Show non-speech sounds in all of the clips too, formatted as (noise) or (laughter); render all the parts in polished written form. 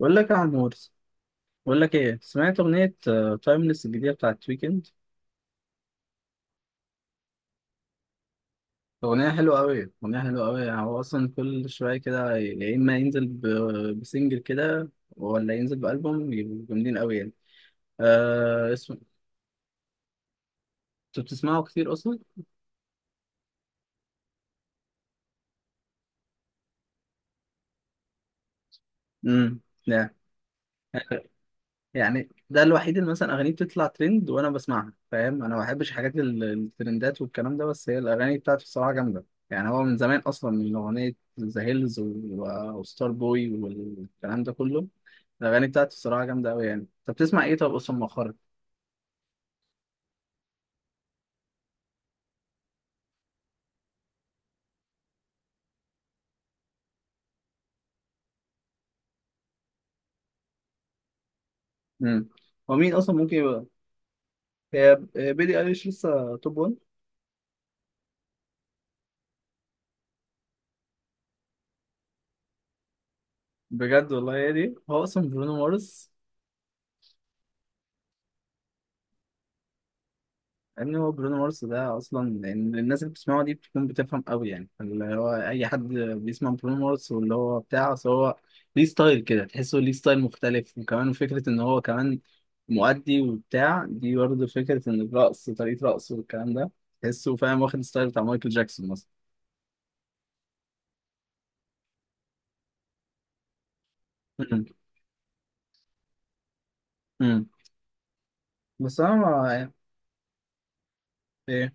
بقول لك يا عمور، بقول لك ايه، سمعت اغنيه تايمليس الجديده بتاعت ويكند؟ اغنيه حلوه قوي، اغنيه حلوه قوي. يعني هو اصلا كل شويه كده يا اما ينزل بسنجل كده ولا ينزل بالبوم، يبقوا جامدين قوي يعني. آه، اسمه، انت بتسمعه كتير اصلا؟ امم لا، يعني ده الوحيد اللي مثلا اغانيه بتطلع ترند وانا بسمعها، فاهم؟ انا ما بحبش حاجات الترندات والكلام ده، بس هي الاغاني بتاعته الصراحه جامده. يعني هو من زمان اصلا، من اغنيه ذا هيلز وستار بوي والكلام ده كله، الاغاني بتاعته الصراحه جامده قوي. يعني طب بتسمع ايه طب اصلا مؤخرا؟ امم هو مين اصلا ممكن يبقى؟ هي بيلي ايليش لسه توب 1؟ بجد والله هي دي؟ هو اصلا برونو مارس، ان هو برونو مارس ده اصلا يعني الناس اللي بتسمعه دي بتكون بتفهم قوي، يعني اللي هو اي حد بيسمع برونو مارس، واللي هو بتاع، أصل هو ليه ستايل كده، تحسه ليه ستايل مختلف. وكمان فكره ان هو كمان مؤدي وبتاع دي، برضه فكره ان الرقص طريقه رقصه والكلام ده، تحسه فاهم، واخد ستايل بتاع مايكل جاكسون مثلا. (laughs) بس انا ما ايه.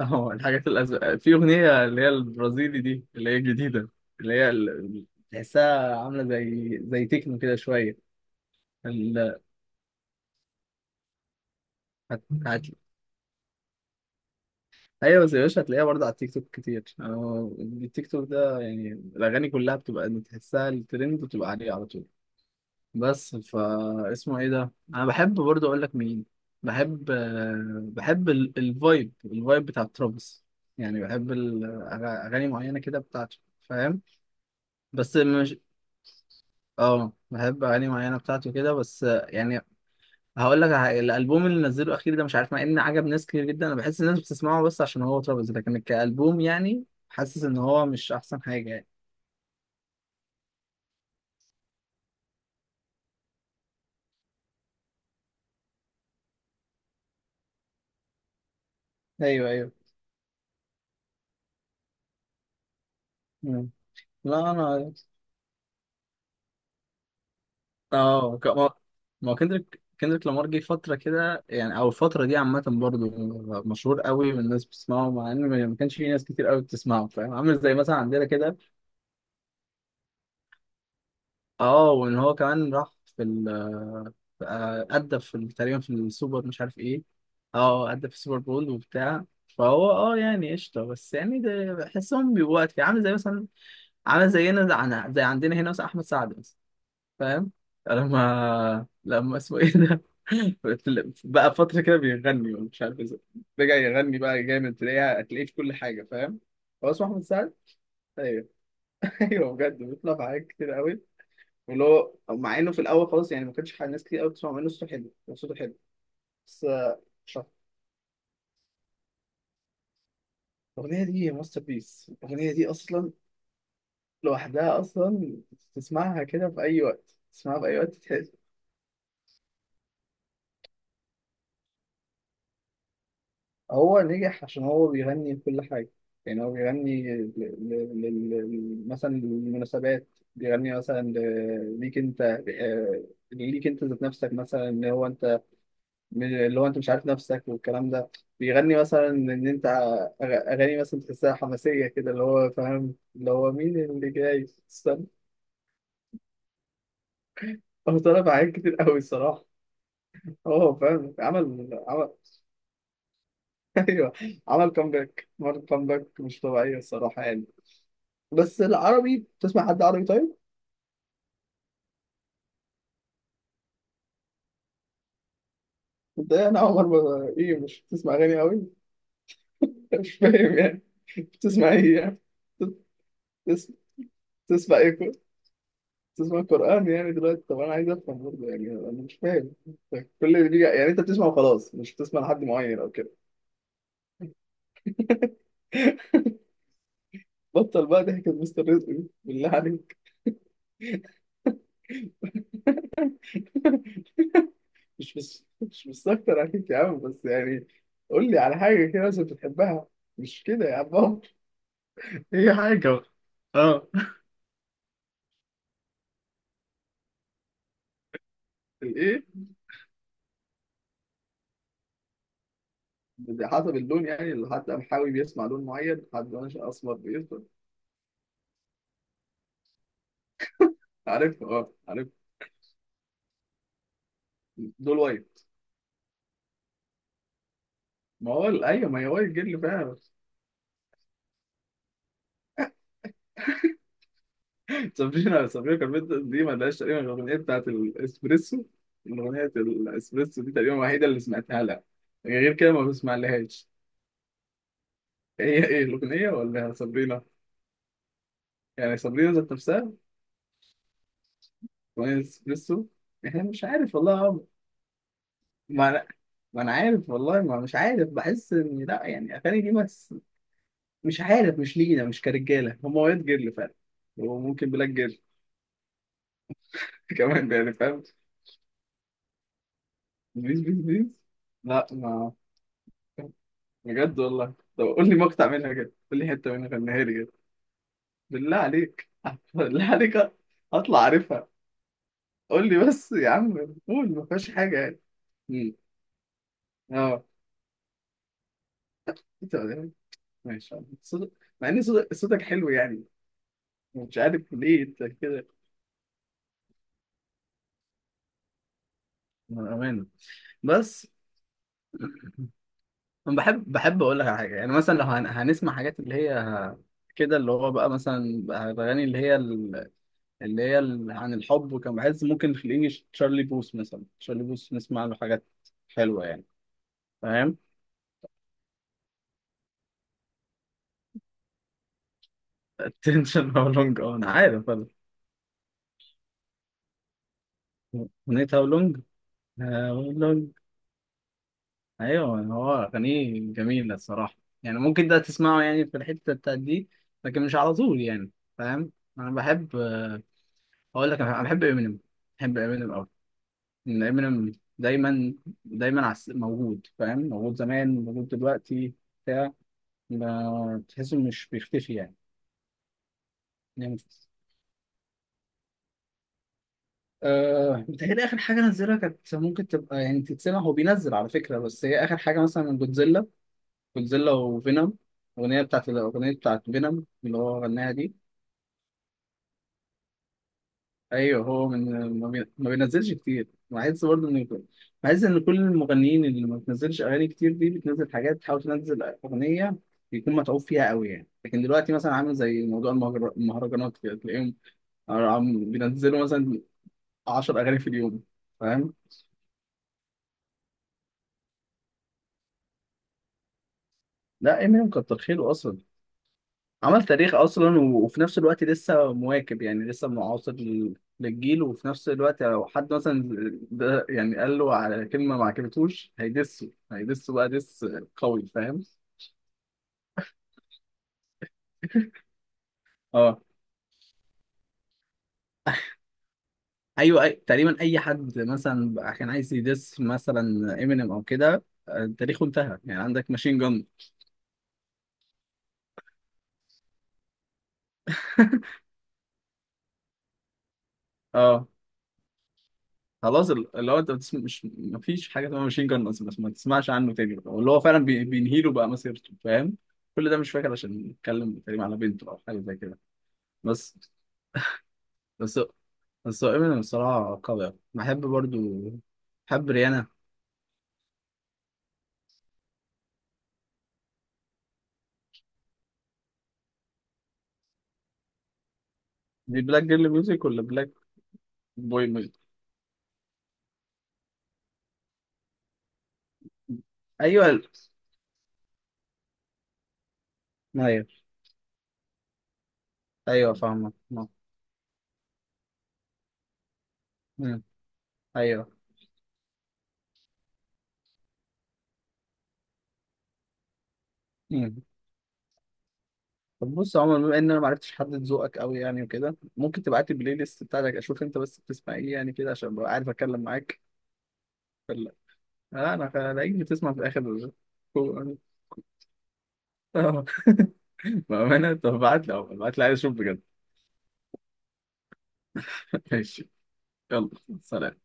اهو الحاجات الأزرق في اغنيه اللي هي البرازيلي دي، اللي هي الجديده، اللي تحسها عامله زي تكنو كده شويه. ال... هت... هت... ايوه بس يا باشا، هتلاقيها برضه على التيك توك كتير. أهو التيك توك ده يعني الاغاني كلها بتبقى تحسها الترند بتبقى عليه على طول. بس فا اسمه ايه ده، انا بحب برضو اقول لك مين بحب. بحب الفايب، الفايب بتاع ترافيس. يعني بحب اغاني معينه كده بتاعته، فاهم؟ بس مش، اه بحب اغاني معينه بتاعته كده، بس يعني هقول لك على حاجة، الالبوم اللي نزله اخير ده مش عارف، مع ان عجب ناس كتير جدا، انا بحس الناس بتسمعه بس عشان هو ترافيس، لكن كالبوم يعني حاسس ان هو مش احسن حاجه يعني. ايوه، ايوه. مم. لا انا، اه ما، ما هو كندريك، كندريك لامار جه فترة كده يعني، او الفترة دي عامة برضه مشهور قوي والناس بتسمعه، مع ان ما كانش في ناس كتير قوي بتسمعه، فاهم؟ عامل زي مثلا عندنا كده. اه، وان هو كمان راح في ال، أدى في تقريبا في السوبر مش عارف ايه. اه، أدى في السوبر بول وبتاع. فهو اه يعني قشطة، بس يعني ده بحسهم بيبقوا وقت عامل زي مثلا، عامل زينا، زي عندنا هنا مثلا أحمد سعد مثلا، فاهم؟ لما اسمه ايه ده (laughs) بقى فترة كده بيغني ومش عارف ازاي رجع يغني بقى جامد، تلاقيه هتلاقيه في كل حاجة، فاهم؟ هو اسمه أحمد سعد. أيوه. (laughs) أيوه بجد، بيطلع في حاجات كتير قوي، واللي هو مع إنه في الأول خالص يعني ما كانش حاجة، ناس كتير قوي بتسمع منه. صوته حلو، هو صوته حلو، بس مش عارف. الأغنية دي ماستر بيس، الأغنية دي أصلا لوحدها أصلا تسمعها كده في أي وقت، تسمعها في أي وقت. هو نجح عشان هو بيغني لكل حاجة، يعني هو بيغني مثلا للمناسبات، بيغني مثلا ليك انت، آه، ليك انت ذات نفسك، مثلا ان هو انت اللي هو انت مش عارف نفسك والكلام ده، بيغني مثلا ان انت، أغ- اغاني مثلا تحسها حماسية كده، اللي هو فاهم، اللي هو مين اللي جاي. استنى، هو طلب حاجات كتير قوي الصراحة، هو فاهم عمل (laughs) ايوه، عمل كومباك، عمل كومباك مش طبيعية الصراحة يعني. بس العربي، بتسمع حد عربي طيب؟ انت إيه؟ انا عمر ما ايه، مش بتسمع اغاني قوي؟ (laughs) مش فاهم يعني، بتسمع ايه يعني؟ بتس- بتسمع ايه بتسمع قرآن يعني دلوقتي؟ طب انا عايز افهم برضه، يعني انا مش فاهم. كل اللي بيجي يعني انت بتسمع وخلاص، مش بتسمع لحد معين او كده؟ (laughs) بطل بقى ضحكة مستر رزق دي، بالله عليك. (laughs) مش، بس مش مستكتر عليك يا عم، بس يعني قول لي على حاجة كده مثلا بتحبها، مش كده يا عم عمر. (laughs) هي حاجة بقى. اه. الايه؟ حسب اللون يعني، لحد قمحاوي بيسمع لون معين، حد ماشي اسمر بيسمع؟ عارف، اه عارف. دول وايت؟ ما هو ايوه، ما هي وايت جل فعلا. (laughs) سابرينا، سابرينا كاربنتر دي ما لهاش تقريبا غير الاغنيه بتاعت الاسبريسو، الاغنيه الاسبريسو دي تقريبا الوحيده اللي سمعتها لها، يعني غير كده ما بسمع لهاش. هي ايه، إيه الاغنيه ولا سابرينا؟ يعني سابرينا ذات نفسها؟ اغنيه الاسبريسو، احنا مش عارف والله يا عمرو. ما انا ما انا عارف والله، ما مش عارف، بحس ان لا يعني اغاني دي، ما مش عارف، مش لينا، مش كرجاله، هم وايت جيرل فعلا وممكن بلاك جيرل. (laughs) كمان يعني، فاهم. بيس لا، ما بجد والله. طب قول لي مقطع منها كده، قول لي حته منها، غنيها لي كده، بالله عليك. (laughs) بالله عليك، اطلع عارفها، قول لي بس يا عم، قول، ما فيهاش حاجه يعني. مم. اه، انت، ماشي، صدق، مع ان صدق صوتك حلو يعني، مش عارف ليه انت كده. من امانه. بس أنا بحب، بحب اقول لك على حاجه، يعني مثلا لو هنسمع حاجات اللي هي كده، اللي هو بقى مثلا بقى الاغاني عن الحب، وكان بحس ممكن في الانجليش تشارلي بوث، مثلا تشارلي بوث نسمع له حاجات حلوه يعني، فاهم؟ (laughs) attention, how long، اه انا عارف أنا. اغنيه how long، how long، ايوه هو اغانيه جميله الصراحه، يعني ممكن ده تسمعه يعني في الحته بتاعت دي، لكن مش على طول يعني، فاهم؟ انا بحب، اقول لك، انا بحب امينيم، بحب امينيم، ان امينيم دايما موجود، فاهم؟ موجود زمان، موجود دلوقتي بتاع ما تحسه مش بيختفي يعني. نمت. أه، بتهيألي آخر حاجة نزلها كانت ممكن تبقى يعني تتسمع، هو بينزل على فكرة، بس هي آخر حاجة مثلا من جودزيلا، جودزيلا وفينوم، الأغنية بتاعت، الأغنية بتاعت فينوم اللي هو غناها دي. ايوه، هو من، ما بينزلش كتير، بحس برضه ان، بحس ان كل المغنيين اللي ما بتنزلش اغاني كتير دي، بتنزل حاجات بتحاول تنزل اغنيه يكون متعوب فيها قوي يعني، لكن دلوقتي مثلا عامل زي موضوع المهرجانات كده تلاقيهم بينزلوا مثلا 10 اغاني في اليوم، فاهم؟ لا امينيم كتر خيره اصلا، عمل تاريخ اصلا وفي نفس الوقت لسه مواكب يعني، لسه معاصر للجيل، وفي نفس الوقت لو حد مثلا ده يعني قال له على كلمه ما عجبتوش، هيدسه بقى دس قوي، فاهم؟ اه، ايوه، أي، تقريبا اي حد مثلا بقى كان عايز يدس مثلا امينيم او كده، تاريخه انتهى، يعني عندك ماشين جن. (laughs) اه، خلاص اللي هو انت بتسمع مش، مفيش حاجه اسمها ماشين جان اصلا، بس ما تسمعش عنه تاني بقى، واللي هو فعلا بينهي له بقى مسيرته، فاهم؟ كل ده مش فاكر عشان نتكلم تقريبا على بنته او حاجه زي كده. بس بس بس هو امينيم الصراحه قوي أوي. بحب برضو، بحب ريانا. دي بلاك جيرل ميوزك ولا بلاك بوي ميوزك؟ ايوه ايوه، ايوه فاهمك. آه. مم. ايوه. مم. طب بص يا عمر، بما ان انا ما عرفتش احدد ذوقك قوي يعني وكده، ممكن تبعت لي البلاي ليست بتاعتك، اشوف انت بس بتسمع ايه يعني كده، عشان ابقى عارف اتكلم معاك. لا انا اجي تسمع في الاخر. (laughs) آه، بامانه، طب ابعت لي أهو، ابعت لي، عايز اشوف بجد. (laughs) ماشي، يلا سلام.